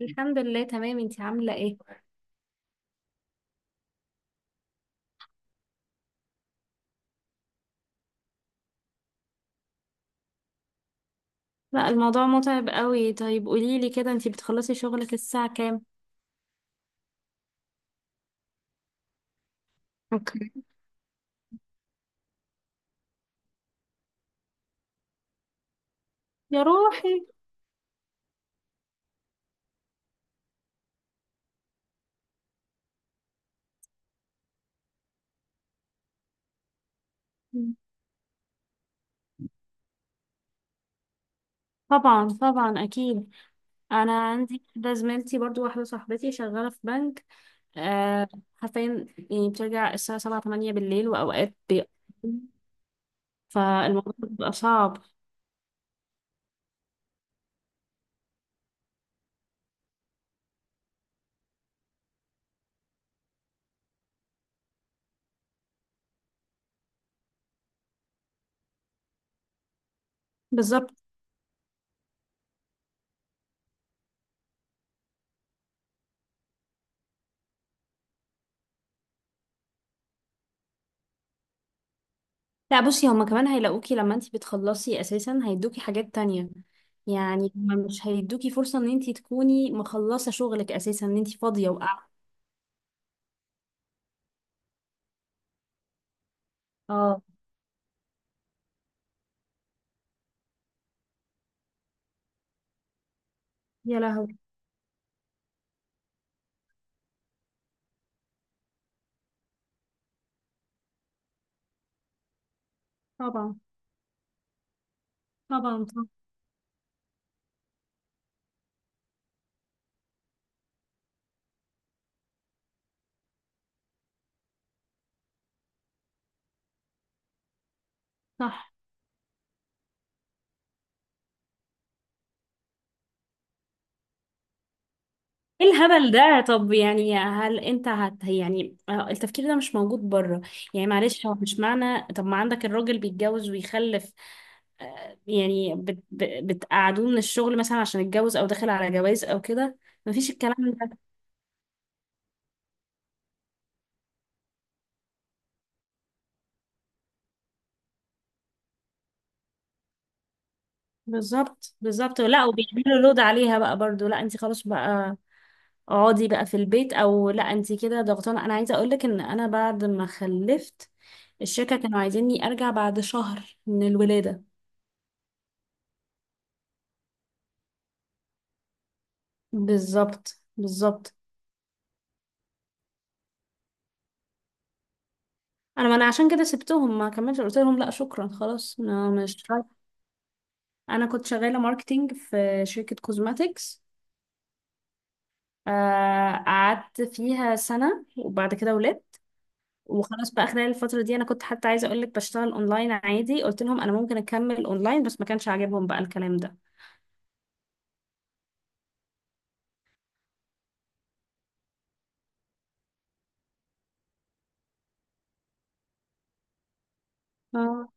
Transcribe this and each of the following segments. الحمد لله، تمام. انتي عاملة ايه؟ لا، الموضوع متعب قوي. طيب قوليلي كده، انتي بتخلصي شغلك الساعة كام؟ اوكي. يا روحي. طبعا طبعا، اكيد. انا عندي كده زميلتي، برضو واحدة صاحبتي شغالة في بنك. آه. حرفيا يعني بترجع الساعة 7 8 بالليل، واوقات فالموضوع بيبقى صعب. بالظبط. لا بصي، هما كمان هيلاقوكي لما انتي بتخلصي اساسا هيدوكي حاجات تانية. يعني هما مش هيدوكي فرصة ان انتي تكوني مخلصة شغلك اساسا، ان انتي فاضية وقاعدة. اه. يا لهوي. طبعا. طبعا صح. صح. ايه الهبل ده؟ طب يعني، هل انت يعني التفكير ده مش موجود بره؟ يعني معلش، هو مش معنى طب ما عندك الراجل بيتجوز ويخلف، يعني بتقعدوه من الشغل مثلا عشان اتجوز او داخل على جواز او كده؟ مفيش الكلام ده. بالظبط بالظبط. لا، وبيعملوا لود عليها بقى برضو. لا انت خلاص بقى اقعدي بقى في البيت. او لا انت كده ضغطانه. انا عايزه اقول لك ان انا بعد ما خلفت، الشركه كانوا عايزيني ارجع بعد شهر من الولاده. بالظبط بالظبط. انا، ما انا عشان كده سبتهم ما كملتش. قلت لهم لا شكرا، خلاص انا مش رايحة. انا كنت شغاله ماركتينج في شركه كوزماتيكس. قعدت فيها سنه وبعد كده ولدت. وخلاص بقى، خلال الفترة دي انا كنت حتى عايزة اقول لك بشتغل اونلاين عادي. قلت لهم انا ممكن اكمل اونلاين، بس ما كانش عاجبهم بقى الكلام ده. اه.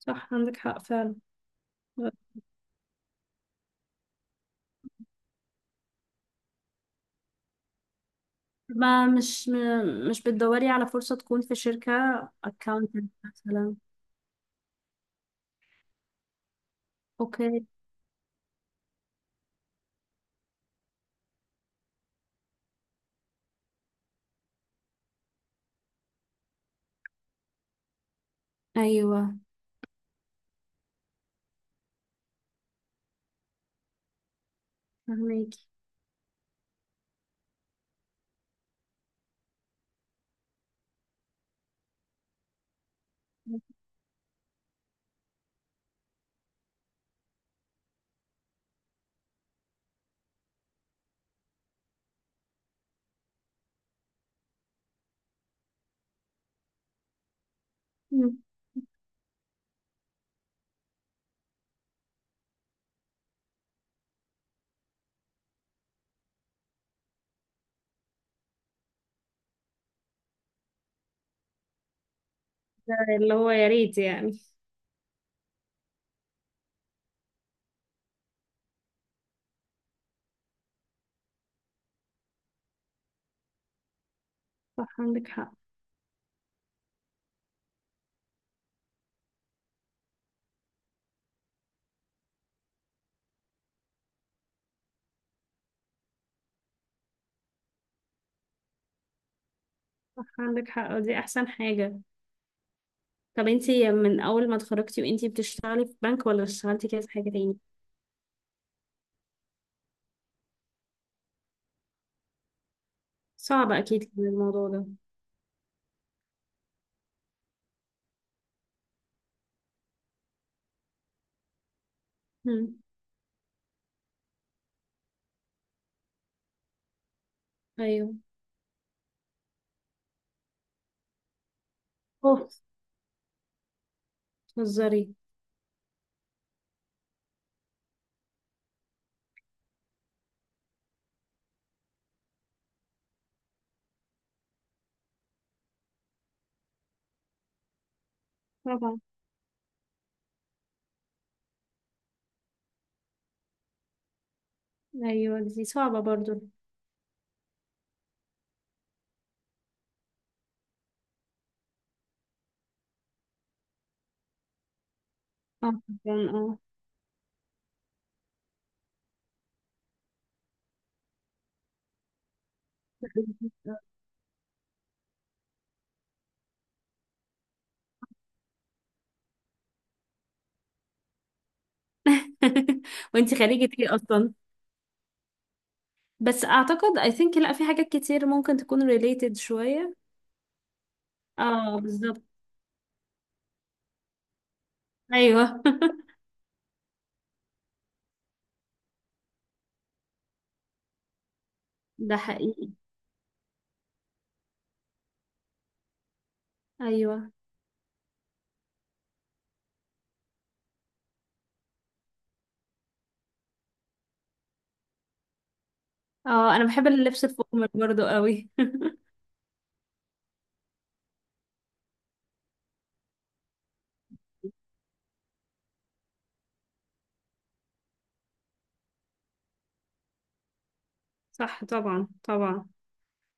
صح، عندك حق فعلا. ما مش بتدوري على فرصة تكون في شركة اكاونتنت مثلا؟ اوكي. ايوه فهميكي. مم. اللي هو يا ريت يعني. صح عندك حق. صح عندك حق، ودي احسن حاجة. طب انتي من اول ما اتخرجتي وانتي بتشتغلي في بنك، ولا اشتغلتي كده في حاجة تاني؟ صعب اكيد كان الموضوع ده. مم. ايوه. اوف. بتهزري؟ طبعا. ايوه دي صعبة برضو. اه طبعا اه. وانتي خريجة ايه اصلا؟ بس اعتقد I think، لا في حاجات كتير ممكن تكون related شوية. اه بالظبط. ايوه. ده حقيقي. ايوه. اه، انا بحب اللبس الفورمال برضو قوي. صح طبعا طبعا.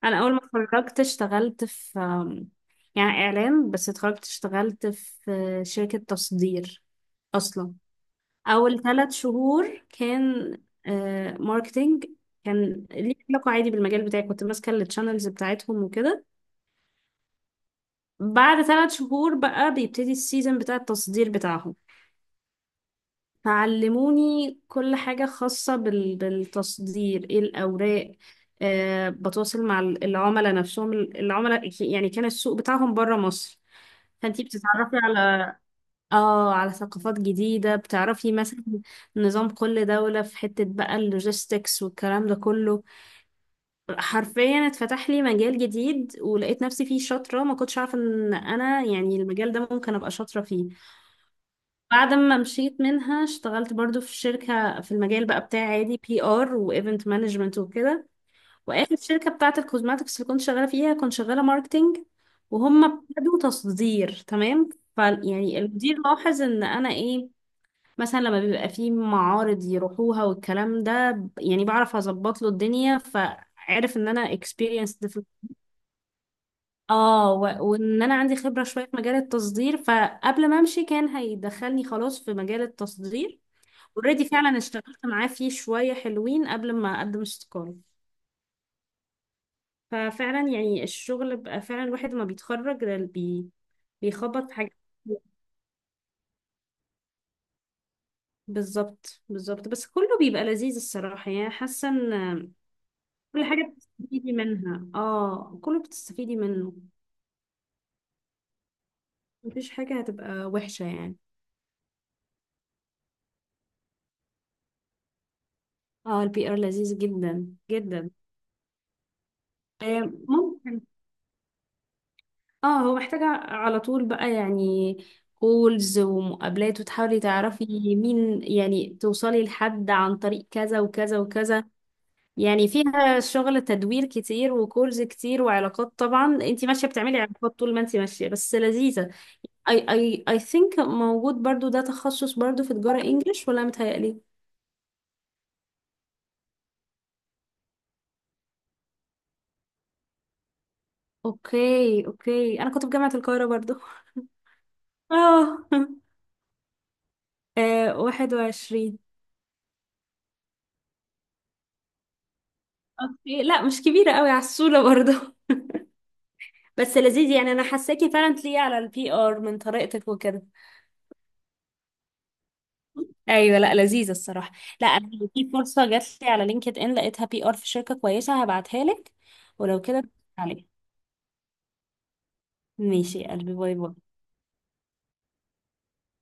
انا اول ما اتخرجت اشتغلت في يعني اعلام. بس اتخرجت اشتغلت في شركة تصدير اصلا. اول 3 شهور كان ماركتينج. كان ليه علاقة عادي بالمجال بتاعي، كنت ماسكة التشانلز بتاعتهم وكده. بعد 3 شهور بقى بيبتدي السيزون بتاع التصدير بتاعهم. فعلموني كل حاجة خاصة بالتصدير ايه الأوراق، بتواصل مع العملاء نفسهم. العملاء يعني كان السوق بتاعهم بره مصر. فانتي بتتعرفي على، اه على ثقافات جديدة. بتعرفي مثلا نظام كل دولة في حتة بقى، اللوجيستكس والكلام ده كله. حرفيا اتفتح لي مجال جديد، ولقيت نفسي فيه شاطرة. ما كنتش عارفة ان انا يعني المجال ده ممكن ابقى شاطرة فيه. بعد ما مشيت منها اشتغلت برضو في شركة في المجال بقى بتاعي عادي، بي ار وايفنت مانجمنت وكده. واخر شركة بتاعة الكوزماتكس اللي كنت شغالة فيها كنت شغالة ماركتينج. وهم ابتدوا تصدير، تمام. ف يعني المدير لاحظ ان انا ايه، مثلا لما بيبقى فيه معارض يروحوها والكلام ده، يعني بعرف اظبط له الدنيا. فعرف ان انا experienced في، وان انا عندي خبرة شوية في مجال التصدير. فقبل ما امشي كان هيدخلني خلاص في مجال التصدير. اوريدي، فعلا اشتغلت معاه فيه شوية حلوين قبل ما اقدم استقالة. ففعلا يعني الشغل، بقى فعلا الواحد ما بيتخرج ده بيخبط في حاجات. بالظبط بالظبط. بس كله بيبقى لذيذ الصراحة، يعني حاسة كل حاجة بتستفيدي منها. اه كله بتستفيدي منه. مفيش حاجة هتبقى وحشة يعني. اه البي ار لذيذ جدا جدا. آه، ممكن. اه هو محتاجة على طول بقى، يعني كولز ومقابلات وتحاولي تعرفي مين، يعني توصلي لحد عن طريق كذا وكذا وكذا. يعني فيها شغل تدوير كتير وكولز كتير وعلاقات. طبعا انتي ماشية بتعملي علاقات طول ما انتي ماشية، بس لذيذة. اي ثينك موجود برضو ده تخصص برضو في تجارة انجليش، ولا متهيألي؟ اوكي اوكي، انا كنت في جامعة القاهرة برضو. اه. 21. اوكي، لا مش كبيرة قوي على الصولة برضو. بس لذيذ يعني، انا حاساكي فعلا تليقي على البي ار من طريقتك وكده. ايوه، لا لذيذة الصراحة. لا انا لو في فرصة جات لي على لينكد ان لقيتها بي ار في شركة كويسة هبعتها لك. ولو كده عليك. ماشي يا قلبي، باي باي